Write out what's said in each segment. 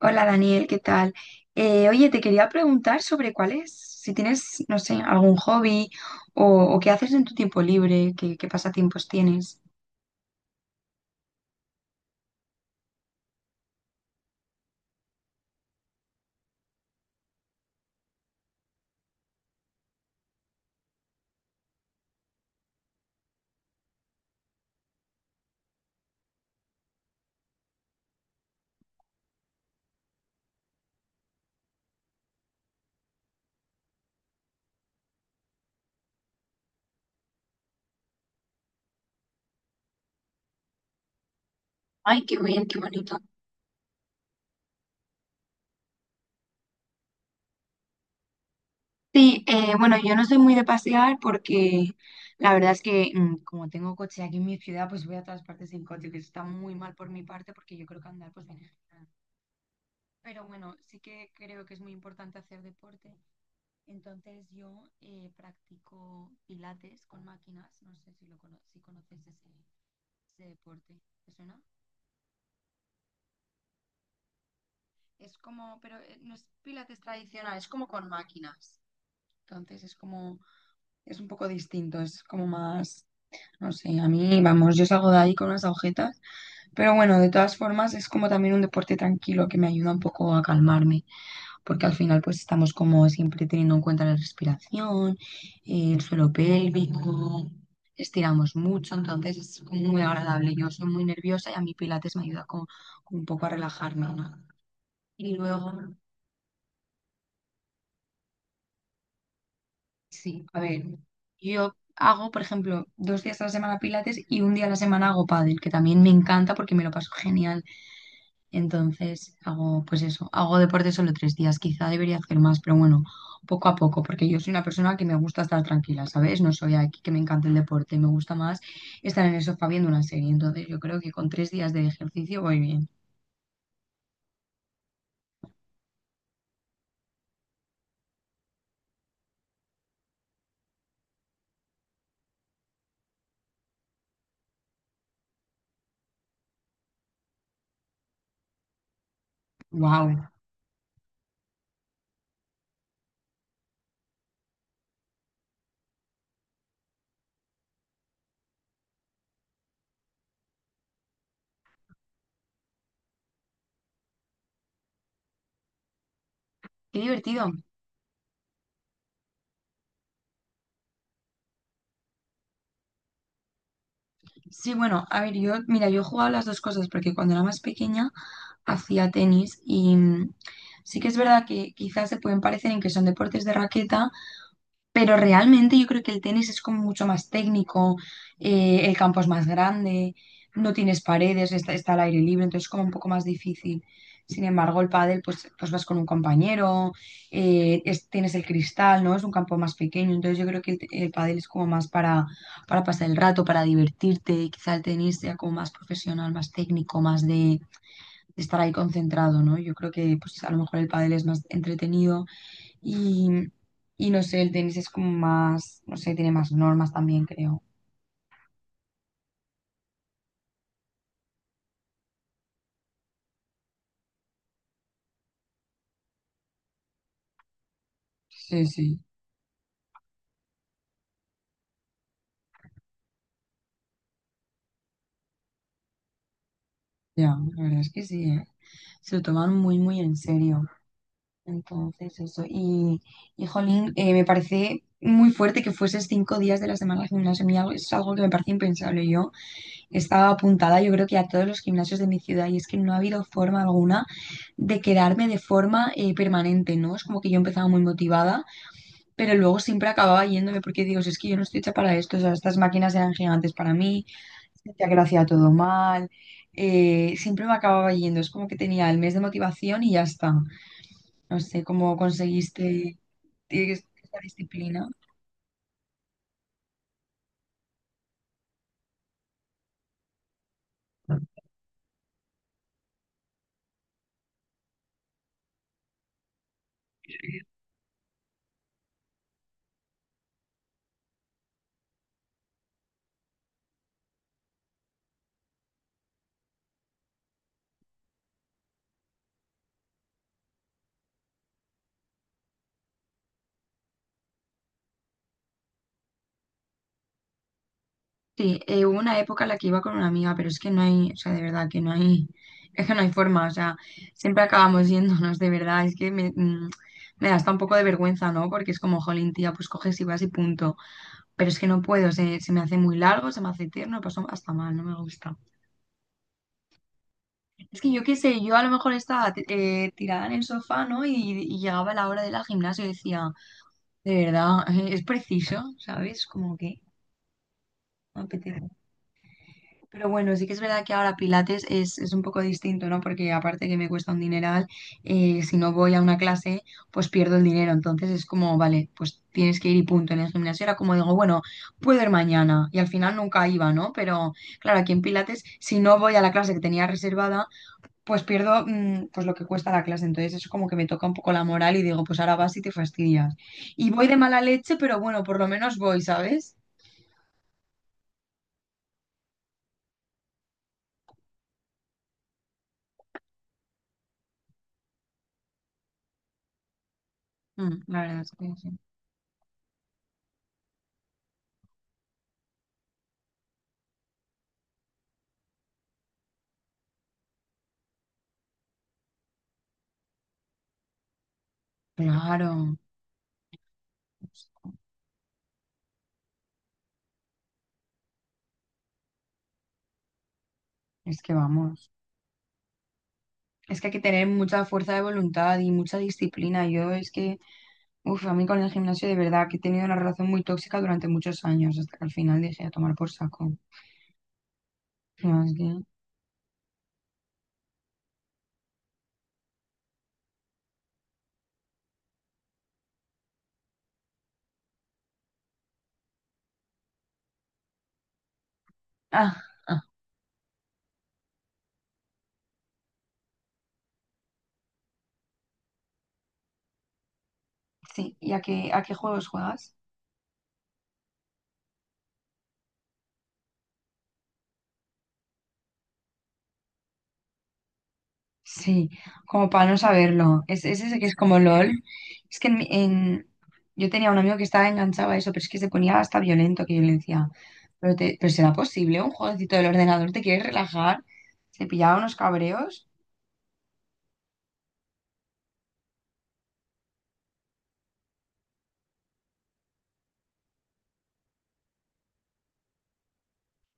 Hola Daniel, ¿qué tal? Oye, te quería preguntar sobre cuál es, si tienes, no sé, algún hobby o, o qué haces en tu tiempo libre, qué pasatiempos tienes. Ay, qué bien, qué bonito. Sí, bueno, yo no soy muy de pasear porque la verdad es que como tengo coche aquí en mi ciudad, pues voy a todas partes en coche, que eso está muy mal por mi parte porque yo creo que andar pues viene genial. Pero bueno, sí que creo que es muy importante hacer deporte. Entonces yo practico pilates con máquinas, no sé si conoces ese, ese deporte, ¿te suena? Es como, pero no es pilates tradicional, es como con máquinas. Entonces es como, es un poco distinto, es como más, no sé, a mí, vamos, yo salgo de ahí con unas agujetas, pero bueno, de todas formas es como también un deporte tranquilo que me ayuda un poco a calmarme, porque al final pues estamos como siempre teniendo en cuenta la respiración, el suelo pélvico, estiramos mucho, entonces es como muy agradable. Yo soy muy nerviosa y a mí Pilates me ayuda como, como un poco a relajarme, ¿no? Y luego, sí, a ver, yo hago, por ejemplo, dos días a la semana Pilates y un día a la semana hago pádel, que también me encanta porque me lo paso genial. Entonces hago, pues eso, hago deporte solo tres días, quizá debería hacer más, pero bueno, poco a poco, porque yo soy una persona que me gusta estar tranquila, ¿sabes? No soy aquí que me encanta el deporte, me gusta más estar en el sofá viendo una serie, entonces yo creo que con tres días de ejercicio voy bien. ¡Wow! ¡Qué divertido! Sí, bueno, a ver, yo, mira, yo he jugado las dos cosas, porque cuando era más pequeña hacía tenis y sí que es verdad que quizás se pueden parecer en que son deportes de raqueta. Pero realmente yo creo que el tenis es como mucho más técnico, el campo es más grande, no tienes paredes, está, está al aire libre, entonces es como un poco más difícil. Sin embargo, el pádel, pues, pues vas con un compañero, tienes el cristal, ¿no? Es un campo más pequeño, entonces yo creo que el pádel es como más para pasar el rato, para divertirte, y quizá el tenis sea como más profesional, más técnico, más de estar ahí concentrado, ¿no? Yo creo que pues a lo mejor el pádel es más entretenido y, y no sé, el tenis es como más, no sé, tiene más normas también, creo. Sí, sí, ya, la verdad es que sí, eh. Se lo toman muy, muy en serio. Entonces, eso. Y jolín, me parece muy fuerte que fueses cinco días de la semana al gimnasio. A mí es algo que me parece impensable. Yo estaba apuntada, yo creo que a todos los gimnasios de mi ciudad, y es que no ha habido forma alguna de quedarme de forma permanente, ¿no? Es como que yo empezaba muy motivada, pero luego siempre acababa yéndome porque digo, "Si es que yo no estoy hecha para esto, o sea, estas máquinas eran gigantes para mí, sentía que lo hacía todo mal, siempre me acababa yendo, es como que tenía el mes de motivación y ya está. No sé cómo conseguiste tienes esa disciplina. Sí, hubo una época en la que iba con una amiga, pero es que no hay, o sea, de verdad que no hay, es que no hay forma, o sea, siempre acabamos yéndonos, de verdad, es que me, mm, me da hasta un poco de vergüenza, ¿no? Porque es como, jolín, tía, pues coges y vas y punto. Pero es que no puedo, se me hace muy largo, se me hace eterno, paso hasta mal, no me gusta. Es que yo qué sé, yo a lo mejor estaba tirada en el sofá, ¿no? Y llegaba la hora de la gimnasia y decía, de verdad, es preciso, ¿sabes? Como que me apetece. Pero bueno, sí que es verdad que ahora Pilates es un poco distinto, ¿no? Porque aparte que me cuesta un dineral, si no voy a una clase, pues pierdo el dinero. Entonces es como, vale, pues tienes que ir y punto. En el gimnasio era como digo, bueno, puedo ir mañana. Y al final nunca iba, ¿no? Pero claro, aquí en Pilates, si no voy a la clase que tenía reservada, pues lo que cuesta la clase. Entonces eso como que me toca un poco la moral y digo, pues ahora vas y te fastidias. Y voy de mala leche, pero bueno, por lo menos voy, ¿sabes? Mm, la verdad es que sí. Claro. Es que vamos. Es que hay que tener mucha fuerza de voluntad y mucha disciplina. Yo es que, uff, a mí con el gimnasio de verdad que he tenido una relación muy tóxica durante muchos años, hasta que al final dije a tomar por saco. No, es que... Ah, ah, sí. ¿Y a qué juegos juegas? Sí, como para no saberlo. Es ese que es como LOL. Es que yo tenía un amigo que estaba enganchado a eso, pero es que se ponía hasta violento, que yo le decía, pero, pero será posible un jueguecito del ordenador, ¿te quieres relajar? Se pillaba unos cabreos.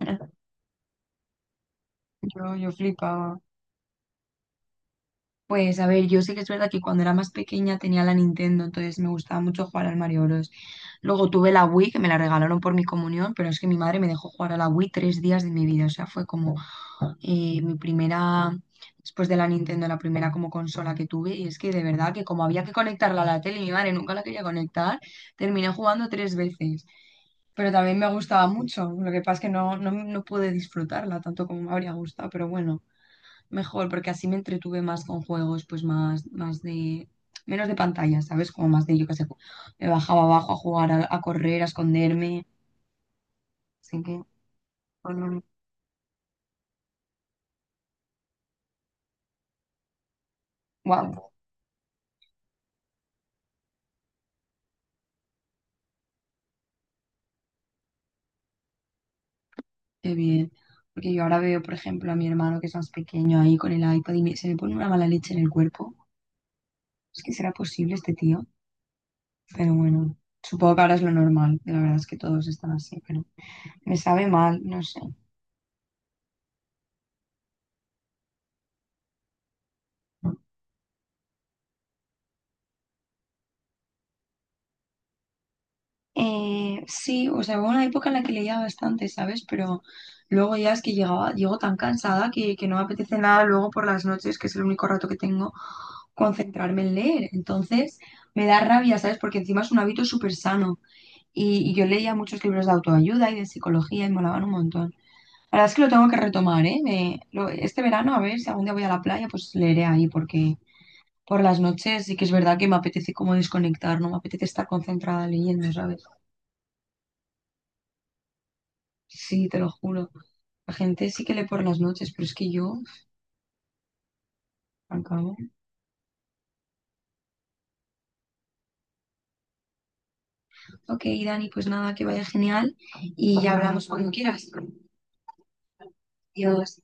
Yo flipaba. Pues a ver, yo sí que es verdad que cuando era más pequeña tenía la Nintendo, entonces me gustaba mucho jugar al Mario Bros. Luego tuve la Wii, que me la regalaron por mi comunión, pero es que mi madre me dejó jugar a la Wii tres días de mi vida. O sea, fue como mi primera, después de la Nintendo, la primera como consola que tuve. Y es que de verdad que como había que conectarla a la tele y mi madre nunca la quería conectar, terminé jugando tres veces. Pero también me gustaba mucho. Lo que pasa es que no pude disfrutarla tanto como me habría gustado, pero bueno, mejor, porque así me entretuve más con juegos, pues más, más de, menos de pantalla, ¿sabes? Como más de, yo qué sé, me bajaba abajo a jugar, a correr, a esconderme, así que, wow, qué bien. Porque yo ahora veo, por ejemplo, a mi hermano que es más pequeño ahí con el iPad y se me pone una mala leche en el cuerpo. Es que será posible este tío, pero bueno, supongo que ahora es lo normal. La verdad es que todos están así, pero me sabe mal, no sé. Sí, o sea, hubo una época en la que leía bastante, ¿sabes? Pero luego ya es que llego tan cansada que no me apetece nada luego por las noches, que es el único rato que tengo, concentrarme en leer. Entonces me da rabia, ¿sabes? Porque encima es un hábito súper sano. Y yo leía muchos libros de autoayuda y de psicología y molaban un montón. La verdad es que lo tengo que retomar, ¿eh? Este verano, a ver si algún día voy a la playa, pues leeré ahí, porque por las noches sí que es verdad que me apetece como desconectar, no me apetece estar concentrada leyendo, ¿sabes? Sí, te lo juro. La gente sí que lee por las noches, pero es que yo, al cabo. Ok, Dani, pues nada, que vaya genial y ya hablamos cuando quieras. Adiós.